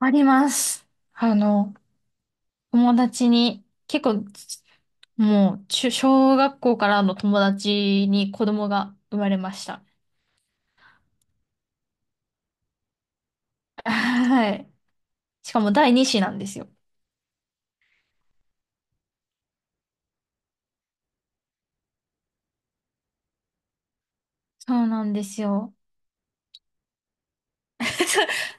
あります。あの、友達に、結構、中小学校からの友達に子供が生まれました。はい。しかも第二子なんですよ。そうなんですよ。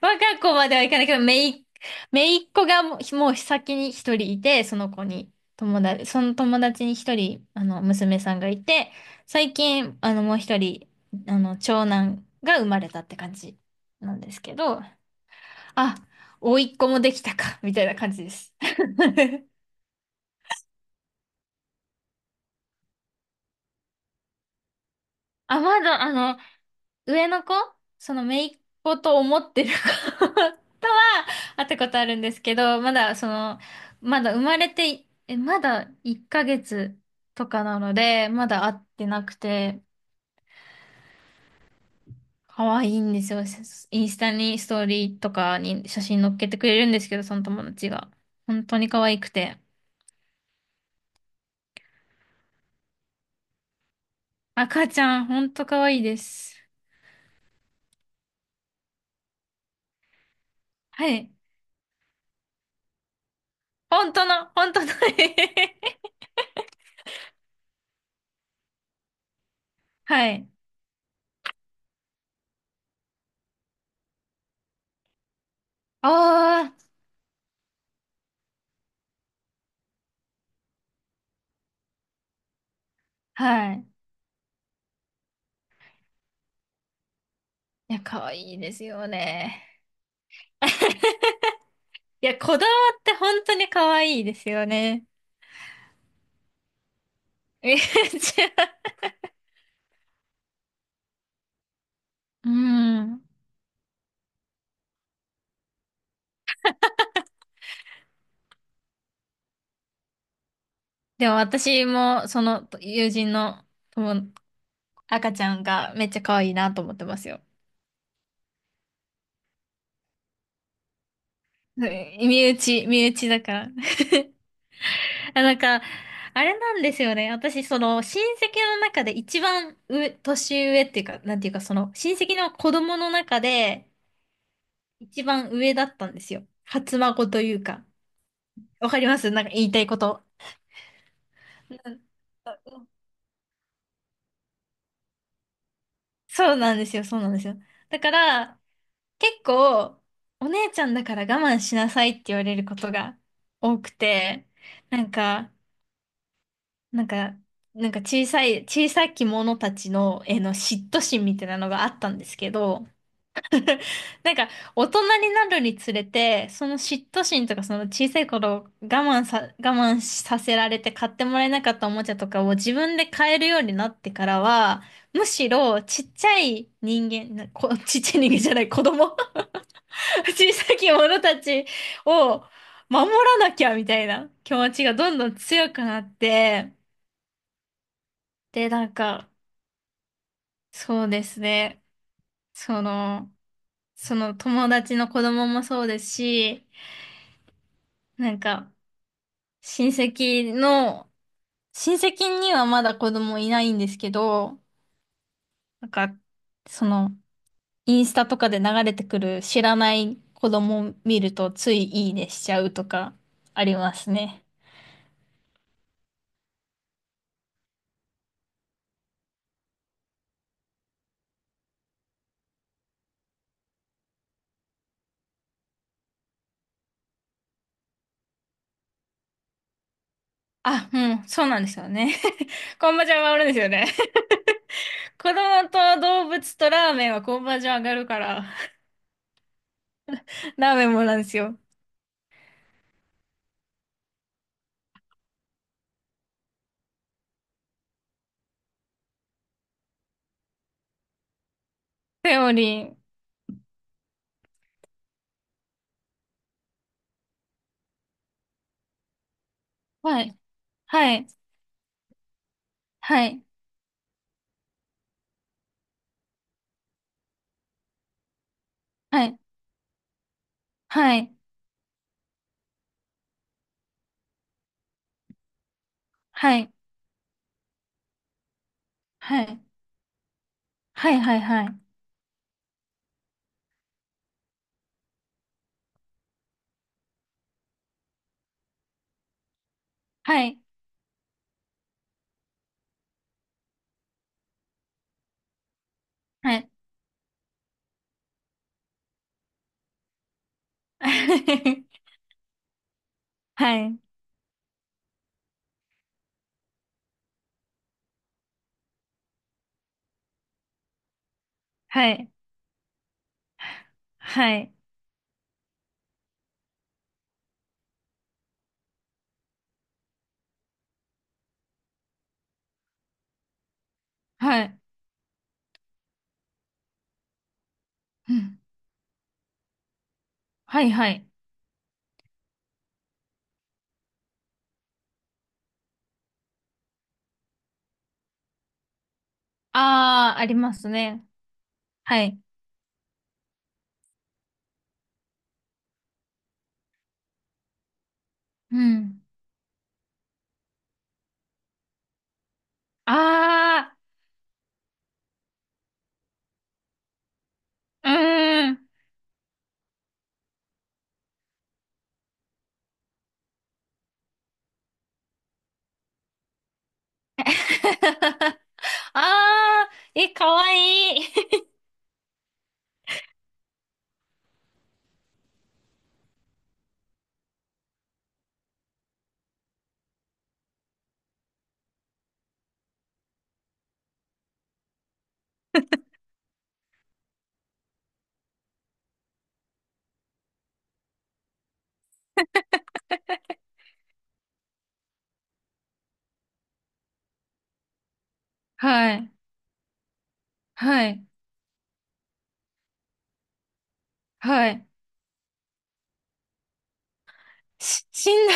若い子まではいかないけど、めいっ子がもう先に一人いて、その子に、その友達に一人、娘さんがいて、最近、もう一人、長男が生まれたって感じなんですけど、あ、甥っ子もできたか、みたいな感じです。あ、まだ、上の子、その姪っ子と思ってる子 とは会ったことあるんですけど、まだ、まだ生まれて、まだ1ヶ月とかなので、まだ会ってなくて、可愛いんですよ。インスタにストーリーとかに写真載っけてくれるんですけど、その友達が。本当に可愛くて。赤ちゃん、本当可愛いです。はい。本当の、本当の はい。ああ、はい。いや、可愛いですよね。いや、こだわって本当に可愛いですよね。めっちゃうん。でも私も、その友人の友赤ちゃんがめっちゃ可愛いなと思ってますよ。うん身内、身内だから。あ、なんか、あれなんですよね。親戚の中で一番上、年上っていうか、なんていうか、親戚の子供の中で、一番上だったんですよ。初孫というか。わかりますなんか言いたいこと。うんそうなんですよ、そうなんですよ。だから、結構、お姉ちゃんだから我慢しなさいって言われることが多くて、なんか、なんか、なんか小さい、小さき者たちの、えの嫉妬心みたいなのがあったんですけど、なんか、大人になるにつれて、その嫉妬心とか、その小さい頃我慢させられて買ってもらえなかったおもちゃとかを自分で買えるようになってからは、むしろちっちゃい人間、なこ、ちっちゃい人間じゃない、子供 小さき者たちを守らなきゃみたいな気持ちがどんどん強くなって、で、なんか、そうですね、その、その友達の子供もそうですし、なんか、親戚の、親戚にはまだ子供いないんですけど、なんか、その、インスタとかで流れてくる知らない子供を見るとついいいねしちゃうとかありますね。あ、うん、そうなんですよね。コンバージョン上がるんですよね。子供と動物とラーメンはコンバージョン上がるから、ラーメンもなんですよ。セオリー。はい。はい。はい。はい。はい。はい。はい。はい。はい。はい。はい。はい。はい。はい。はい。はい。はい。うん。はい。はい。ああ、ありますね。はい。うん。ああ、うーん。ああ、え、かわいい。はい。はい。はい。し、死んだ。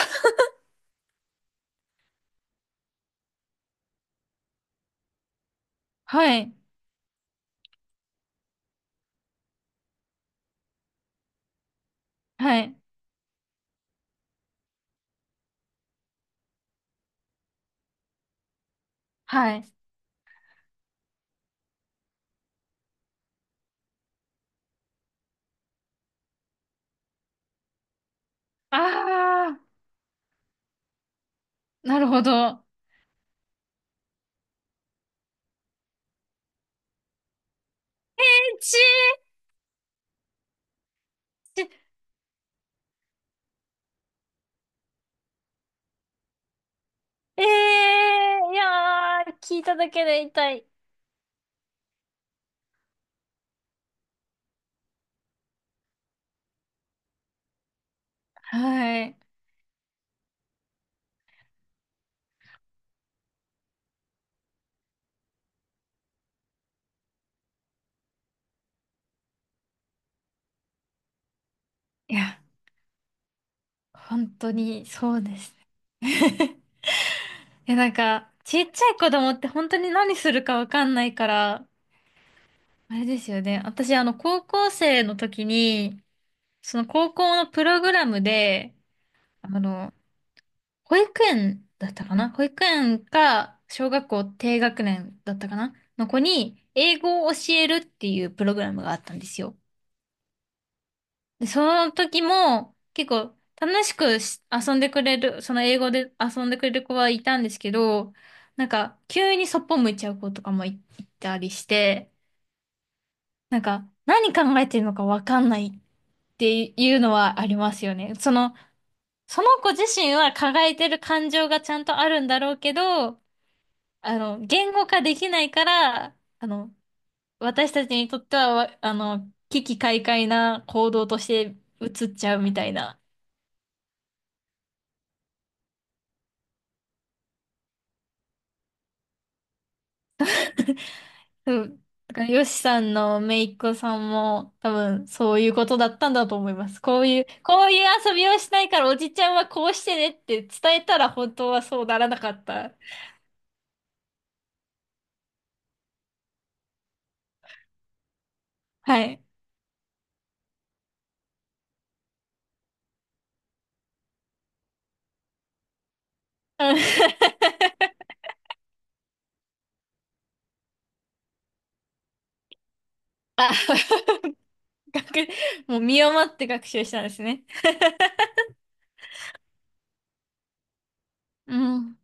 はい。はい。はい。ああ、なるほど。ちええー、いやー、聞いただけで痛い。はい。いや本当にそうですね。え、なんか、ちっちゃい子供って本当に何するかわかんないから、あれですよね。高校生の時に、その高校のプログラムで、あの、保育園だったかな保育園か、小学校低学年だったかなの子に、英語を教えるっていうプログラムがあったんですよ。で、その時も結構楽しくし遊んでくれる、その英語で遊んでくれる子はいたんですけど、なんか急にそっぽ向いちゃう子とかもい、いたりして、なんか何考えてるのかわかんないっていうのはありますよね。その子自身は抱えてる感情がちゃんとあるんだろうけど、言語化できないから、私たちにとってはわ、危機快快な行動として映っちゃうみたいな。うん。だから、ヨシさんの姪っ子さんも、多分、そういうことだったんだと思います。こういう、こういう遊びをしないから、おじちゃんはこうしてねって伝えたら、本当はそうならなかった。はい。うん あ、学もう身をもって学習したんですね。うん。